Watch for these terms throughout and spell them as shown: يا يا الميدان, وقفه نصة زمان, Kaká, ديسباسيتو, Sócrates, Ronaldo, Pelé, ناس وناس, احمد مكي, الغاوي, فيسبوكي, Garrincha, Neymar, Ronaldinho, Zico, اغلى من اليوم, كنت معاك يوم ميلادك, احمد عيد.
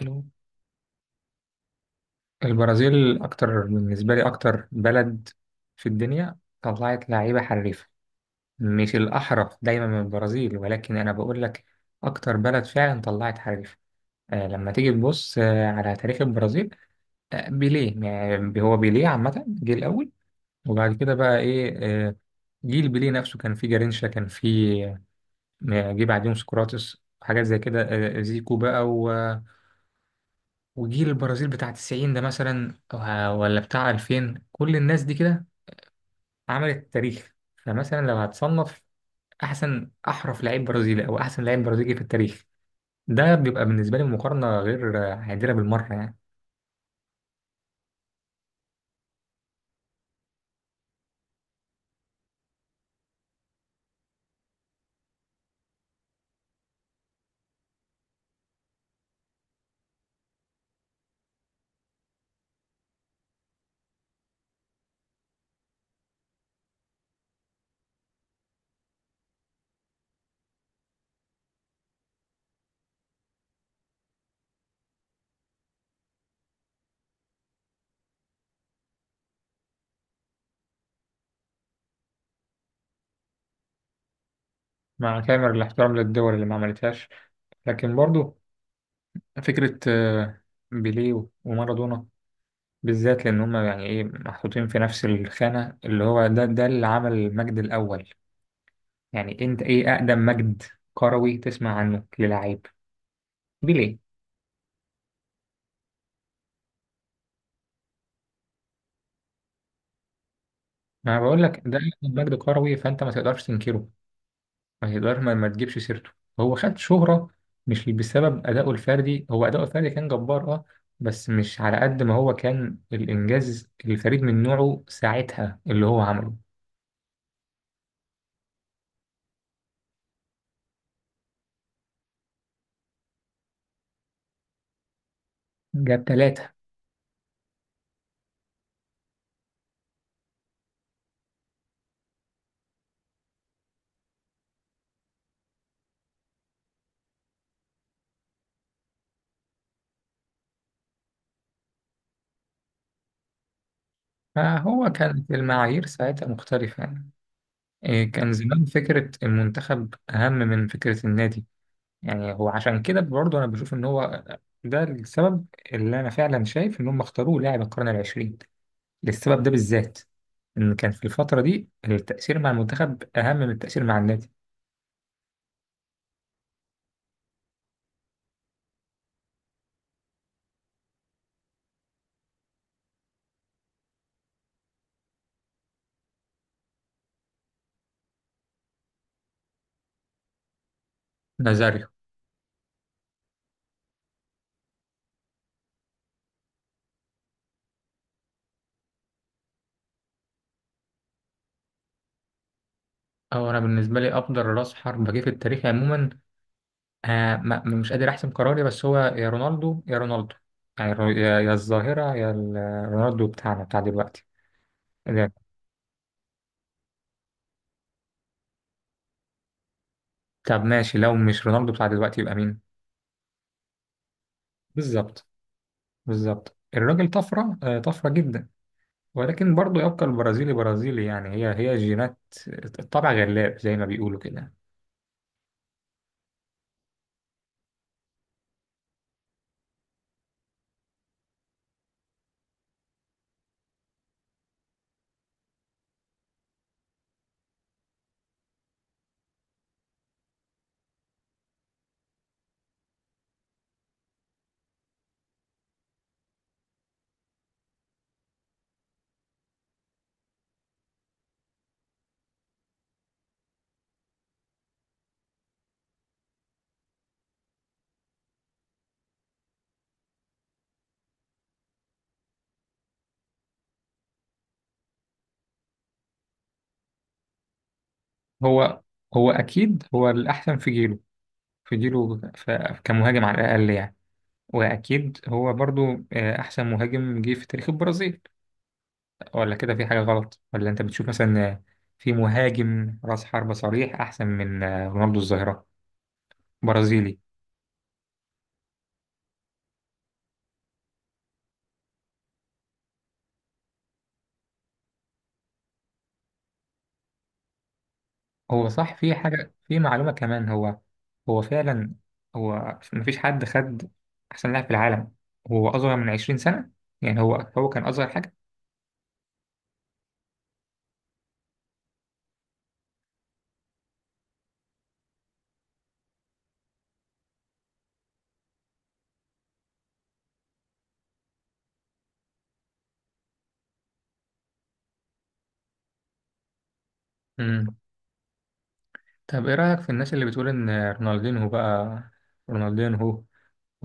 حلو. البرازيل أكتر بالنسبة لي، أكتر بلد في الدنيا طلعت لعيبة حريفة. مش الأحرف دايما من البرازيل، ولكن أنا بقول لك أكتر بلد فعلا طلعت حريفة. لما تيجي تبص على تاريخ البرازيل. بيليه، يعني هو بيليه عامة جه الأول، وبعد كده بقى إيه؟ آه جيل بيليه نفسه كان فيه جارينشا، كان فيه جه بعديهم سقراطس، حاجات زي كده، زيكو بقى. وجيل البرازيل بتاع 90 ده مثلا، ولا بتاع 2000، كل الناس دي كده عملت تاريخ. فمثلا لو هتصنف احسن احرف لعيب برازيلي او احسن لعيب برازيلي في التاريخ، ده بيبقى بالنسبه لي مقارنه غير عادله بالمره يعني. مع كامل الاحترام للدول اللي ما عملتهاش، لكن برضو فكره بيليه ومارادونا بالذات، لان هم يعني ايه محطوطين في نفس الخانه، اللي هو ده اللي عمل المجد الاول. يعني انت ايه اقدم مجد كروي تسمع عنه للاعيب دي ليه؟ ما أنا بقول لك ده مجد كروي، فانت ما تقدرش تنكره. ما تقدر ما, ما تجيبش سيرته. هو خد شهرة مش بسبب أدائه الفردي، هو أداؤه الفردي كان جبار بس مش على قد ما هو كان الإنجاز الفريد من نوعه ساعتها اللي هو عمله. جاب ثلاثة. فهو كانت المعايير ساعتها مختلفة يعني. إيه، كان زمان فكرة المنتخب أهم من فكرة النادي. يعني هو عشان كده برضه أنا بشوف إن هو ده السبب، اللي أنا فعلا شايف إن هم اختاروه لاعب القرن العشرين للسبب ده بالذات، إن كان في الفترة دي التأثير مع المنتخب أهم من التأثير مع النادي. نازاريو. أو أنا بالنسبة لي أفضل رأس حربة جه في التاريخ عموما. مش قادر أحسم قراري، بس هو يا رونالدو يا رونالدو، يعني يا الظاهرة، رونالدو بتاعنا بتاع دلوقتي ده- طب ماشي، لو مش رونالدو بتاع دلوقتي يبقى مين؟ بالظبط، بالظبط. الراجل طفرة، طفرة جدا، ولكن برضه يبقى البرازيلي برازيلي يعني، هي جينات. الطبع غلاب زي ما بيقولوا كده. هو هو اكيد هو الاحسن في جيله، في جيله، كمهاجم على الاقل يعني. واكيد هو برضو احسن مهاجم جه في تاريخ البرازيل، ولا كده؟ في حاجه غلط، ولا انت بتشوف مثلا في مهاجم راس حربة صريح احسن من رونالدو الظاهره برازيلي؟ هو صح، في حاجه، في معلومه كمان. هو هو فعلا، هو مفيش حد خد احسن لاعب في العالم هو اصغر من 20 سنه. يعني هو كان اصغر حاجه. مم. طب ايه رأيك في الناس اللي بتقول ان رونالدينهو بقى، رونالدينهو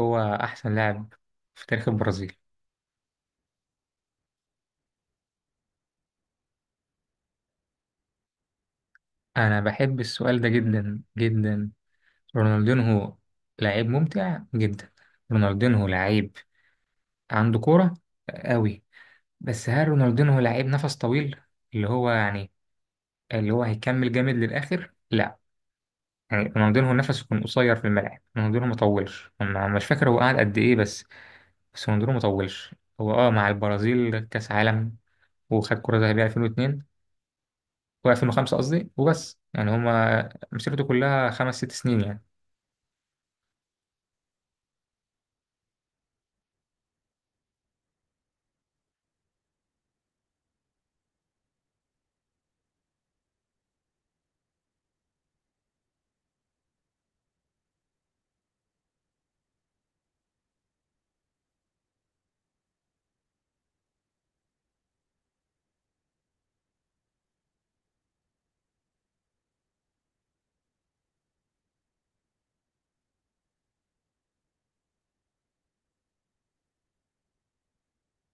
هو احسن لاعب في تاريخ البرازيل؟ انا بحب السؤال ده جدا جدا. رونالدينهو لعيب ممتع جدا. رونالدينهو لعيب عنده كورة قوي، بس هل رونالدينهو لعيب نفس طويل، اللي هو يعني اللي هو هيكمل جامد للآخر؟ لا، يعني رونالدينهو نفسه كان قصير في الملعب، رونالدينهو ما طولش. انا مش فاكر هو قعد قد ايه، بس رونالدينهو ما طولش. هو مع البرازيل كأس عالم، وخد كرة ذهبية 2002 و2005 قصدي، وبس، يعني هما مسيرته كلها خمس ست سنين يعني.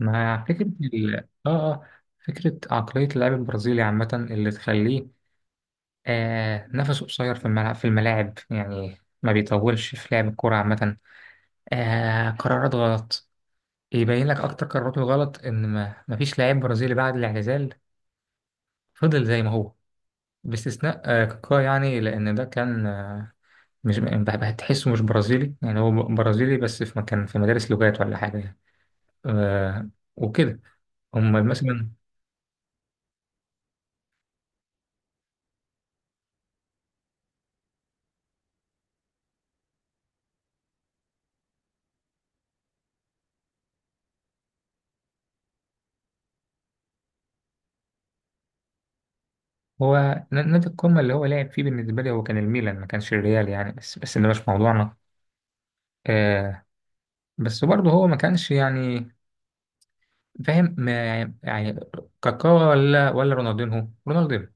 مع فكرة ال... اه اه فكرة عقلية اللاعب البرازيلي عامة اللي تخليه نفسه قصير في الملعب، في الملاعب يعني، ما بيطولش في لعب الكرة عامة. قرارات غلط. يبين لك أكتر قراراته غلط إن ما فيش لاعب برازيلي بعد الاعتزال فضل زي ما هو، باستثناء كاكا، يعني لأن ده كان مش بح- هتحسه مش برازيلي، يعني هو برازيلي بس في مكان، في مدارس لغات ولا حاجة يعني. آه وكده، هم مثلا، هو نادي القمة اللي هو لعب فيه بالنسبة لي هو كان الميلان، ما كانش الريال يعني، بس ده مش موضوعنا. آه بس برضه هو ما كانش يعني فاهم، ما يعني كاكا، ولا رونالدينهو.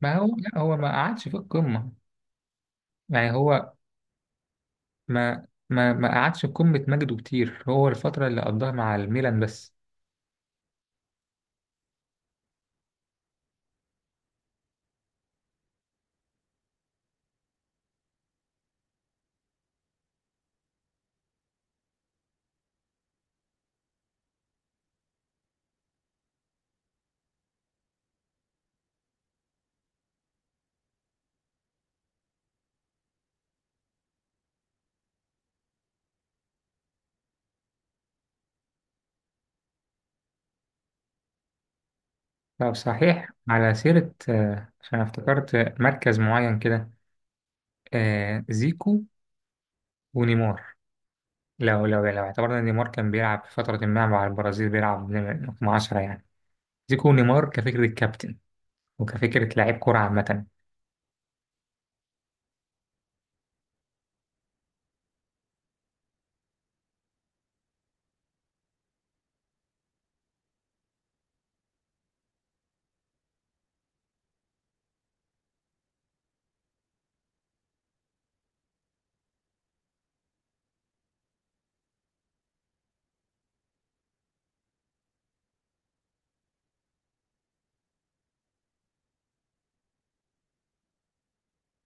ما هو لا، هو ما قعدش في القمة. يعني هو ما قعدش في قمة مجده كتير، هو الفترة اللي قضاها مع الميلان بس. طب صحيح، على سيرة عشان افتكرت مركز معين كده، زيكو ونيمار. لو اعتبرنا ان نيمار كان بيلعب في فترة ما مع البرازيل بيلعب رقم 10 يعني، زيكو ونيمار كفكرة كابتن، وكفكرة لعيب كرة عامة.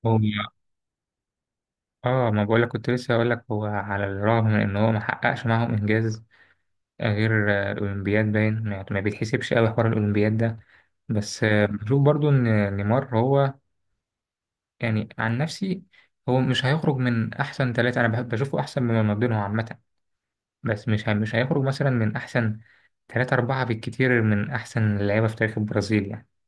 هو اه ما بقولك، كنت لسه هقول لك، هو على الرغم من ان هو ما حققش معاهم انجاز غير الاولمبياد، باين يعني ما بيتحسبش قوي حوار الاولمبياد ده. بس بشوف برضو ان نيمار هو، يعني عن نفسي، هو مش هيخرج من أحسن ثلاثة. أنا بحب بشوفه أحسن مما ما بينهم عامة، بس مش مش هيخرج مثلا من أحسن ثلاثة أربعة بالكتير من أحسن اللعيبة في تاريخ البرازيل يعني.